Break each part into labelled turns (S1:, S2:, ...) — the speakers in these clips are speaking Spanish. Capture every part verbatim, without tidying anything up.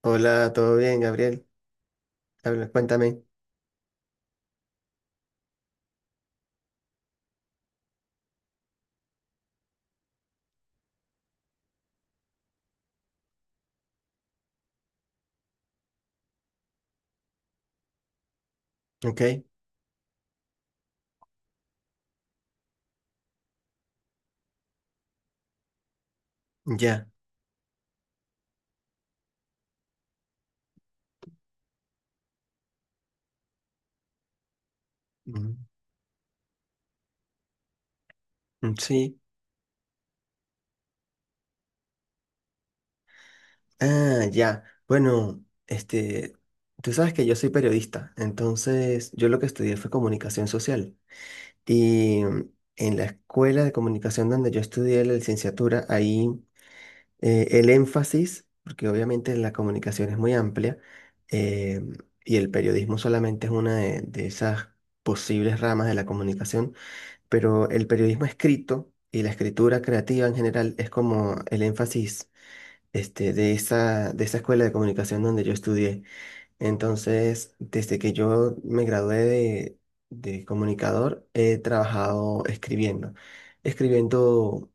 S1: Hola, ¿todo bien, Gabriel? Habla, cuéntame. Ok, ya. Ujú. Mm, Sí. Ah, ya. Bueno, este, tú sabes que yo soy periodista, entonces yo lo que estudié fue comunicación social. Y mm, en la escuela de comunicación donde yo estudié la licenciatura, ahí eh, el énfasis, porque obviamente la comunicación es muy amplia, eh, y el periodismo solamente es una de de esas posibles ramas de la comunicación. Pero el periodismo escrito y la escritura creativa en general es como el énfasis este, de esa, de esa escuela de comunicación donde yo estudié. Entonces, desde que yo me gradué de, de comunicador, he trabajado escribiendo, escribiendo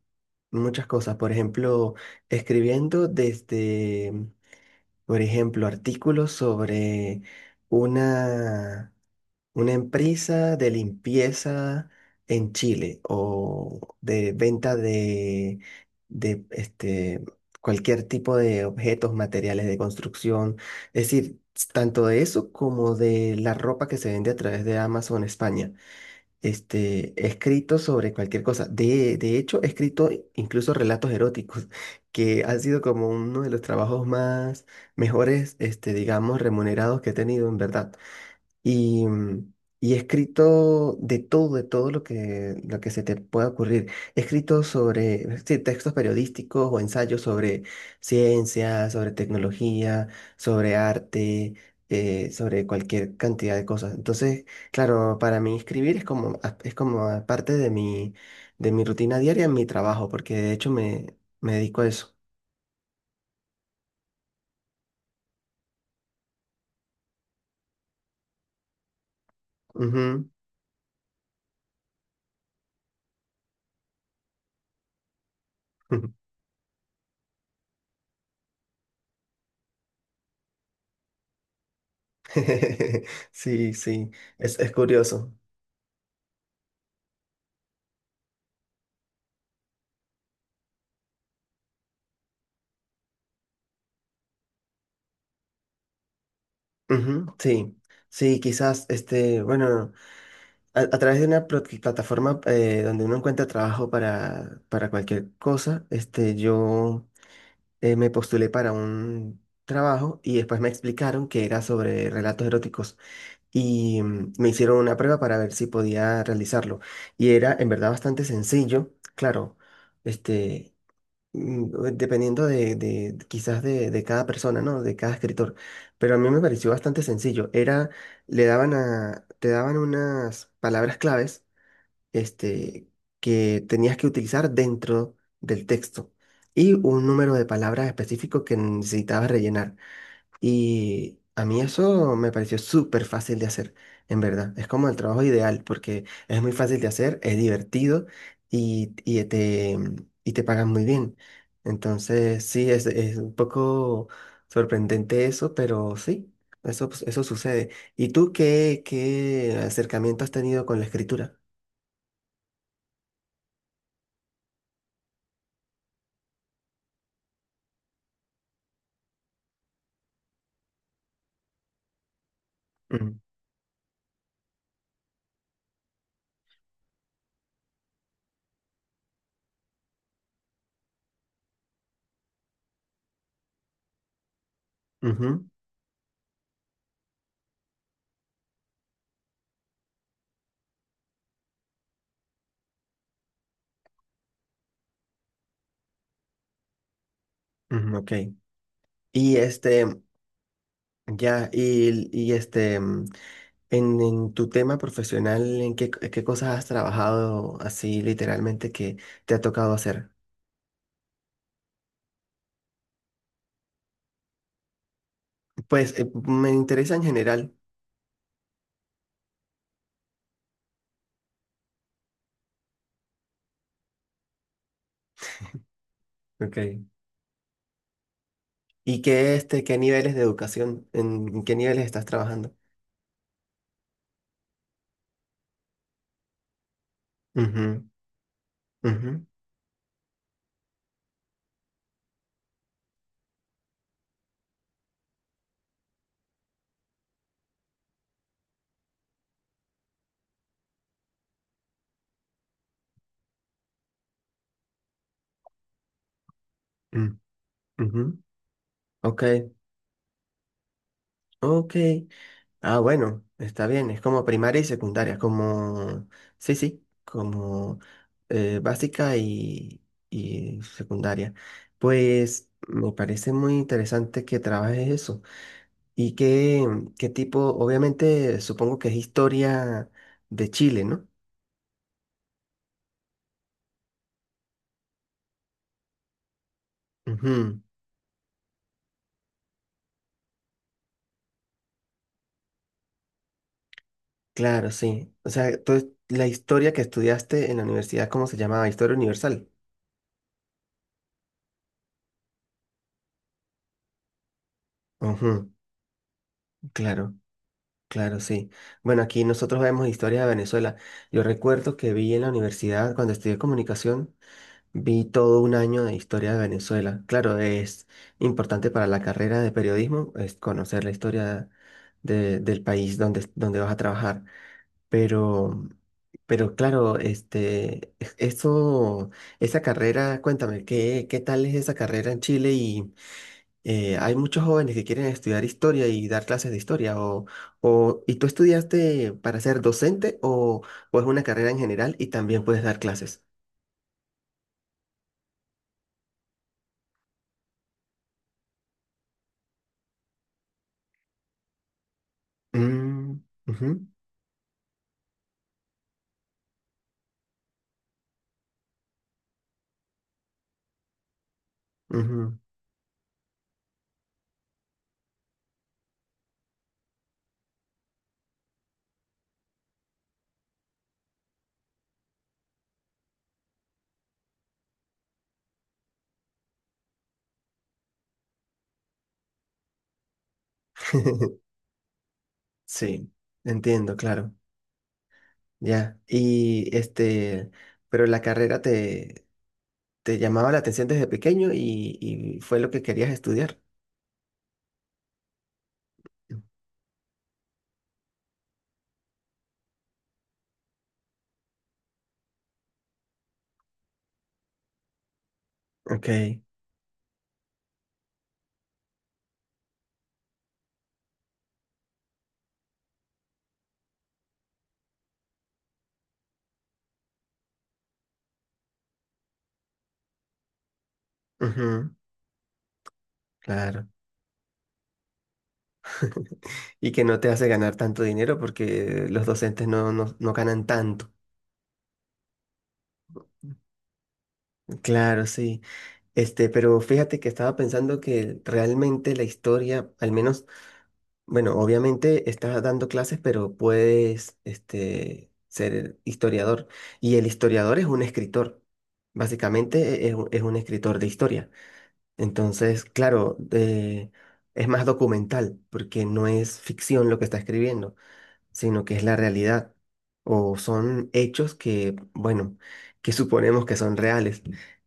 S1: muchas cosas, por ejemplo, escribiendo desde, por ejemplo, artículos sobre una... una empresa de limpieza en Chile o de venta de, de este, cualquier tipo de objetos, materiales de construcción. Es decir, s- tanto de eso como de la ropa que se vende a través de Amazon España. Este, he escrito sobre cualquier cosa. De, de hecho, he escrito incluso relatos eróticos, que han sido como uno de los trabajos más mejores, este, digamos, remunerados que he tenido en verdad. Y, mm, y he escrito de todo, de todo lo que, lo que se te pueda ocurrir. He escrito sobre sí, textos periodísticos o ensayos sobre ciencia, sobre tecnología, sobre arte, eh, sobre cualquier cantidad de cosas. Entonces, claro, para mí escribir es como, a- es como a parte de mi, de mi rutina diaria en mi trabajo, porque de hecho me, me dedico a eso. Ujú. Sí, sí, es, es curioso. Ujú, sí, sí, quizás, este, bueno, a, a través de una plat- plataforma eh, donde uno encuentra trabajo para, para cualquier cosa, este, yo eh, me postulé para un trabajo y después me explicaron que era sobre relatos eróticos y mm, me hicieron una prueba para ver si podía realizarlo. Y era en verdad bastante sencillo, claro, este mm, eh, dependiendo de, de- quizás de, de cada persona, ¿no? De cada escritor. Pero a mí me pareció bastante sencillo. Era, le daban a, te daban unas palabras claves, este, que tenías que utilizar dentro del texto y un número de palabras específico que necesitabas rellenar. Y a mí eso me pareció súper fácil de hacer, en verdad. Es como el trabajo ideal porque es muy fácil de hacer, es divertido y, y te, y te pagan muy bien. Entonces, sí, es, es un poco sorprendente eso, pero sí, eso, pues, eso sucede. ¿Y tú qué, qué acercamiento has tenido con la escritura? Mm, ujú, ujú, ok. Y este, ya, y, y este. En, en tu tema profesional, ¿en qué, qué cosas has trabajado así literalmente que te ha tocado hacer? Pues eh, me interesa en general. Ok. ¿Y qué, este, qué niveles de educación, en qué niveles estás trabajando? Ujú, ujú, mm, ujú. Ok, ok. Ah, bueno, está bien, es como primaria y secundaria, como, sí, sí, como eh, básica y, y secundaria. Pues me parece muy interesante que trabajes eso. ¿Y qué, qué tipo? Obviamente, supongo que es historia de Chile, ¿no? Ujú, claro, sí. O sea, tú- la historia que estudiaste en la universidad, ¿cómo se llamaba? Historia universal. Ujú, claro. Claro, sí. Bueno, aquí nosotros vemos historias de Venezuela. Yo recuerdo que vi en la universidad, cuando estudié comunicación, vi todo un año de historia de Venezuela. Claro, es importante para la carrera de periodismo, es conocer la historia de- del país donde, donde vas a trabajar. Pero, pero claro, este, es- eso, esa carrera, cuéntame, ¿qué, qué tal es esa carrera en Chile? Eh, hay muchos jóvenes que quieren estudiar historia y dar clases de historia. O, o, ¿y tú estudiaste para ser docente o, o es una carrera en general y también puedes dar clases? Mm, ujú, ujú. Sí, entiendo, claro. Ya. Y este, pero la carrera te, te llamaba la atención desde pequeño y, y fue lo que querías estudiar. Ok. Ujú, claro. Y que no te hace ganar tanto dinero porque los docentes no, no, no ganan tanto. Claro, sí. Este, pero fíjate que estaba pensando que realmente la historia, al menos, bueno, obviamente estás dando clases, pero puedes, este, ser historiador. Y el historiador es un escritor. Básicamente es, un es un escritor de historia. Entonces, claro, eh, es más documental, porque no es ficción lo que está escribiendo, sino que es la realidad o son hechos que, bueno, que suponemos que son reales.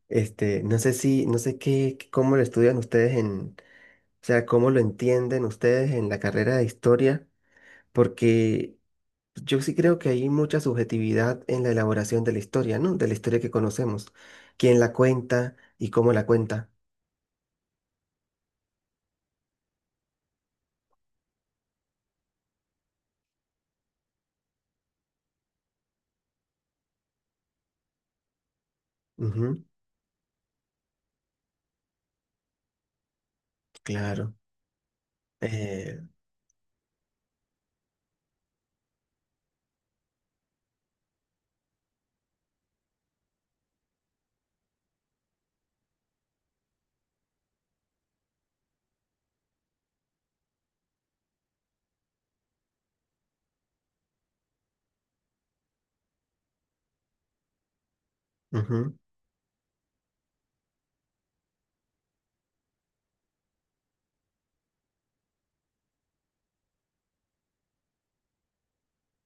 S1: Este, no sé si, no sé qué, qué- cómo lo estudian ustedes en, o sea, cómo lo entienden ustedes en la carrera de historia, porque yo sí creo que hay mucha subjetividad en la elaboración de la historia, ¿no? De la historia que conocemos, quién la cuenta y cómo la cuenta. Ujú, claro. Eh, ujú,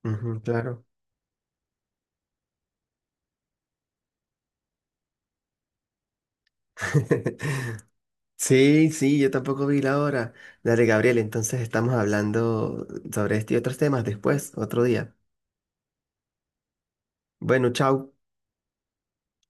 S1: ujú, claro. Sí, sí, yo tampoco vi la hora. Dale, Gabriel, entonces estamos hablando sobre este y otros temas después, otro día. Bueno, chao.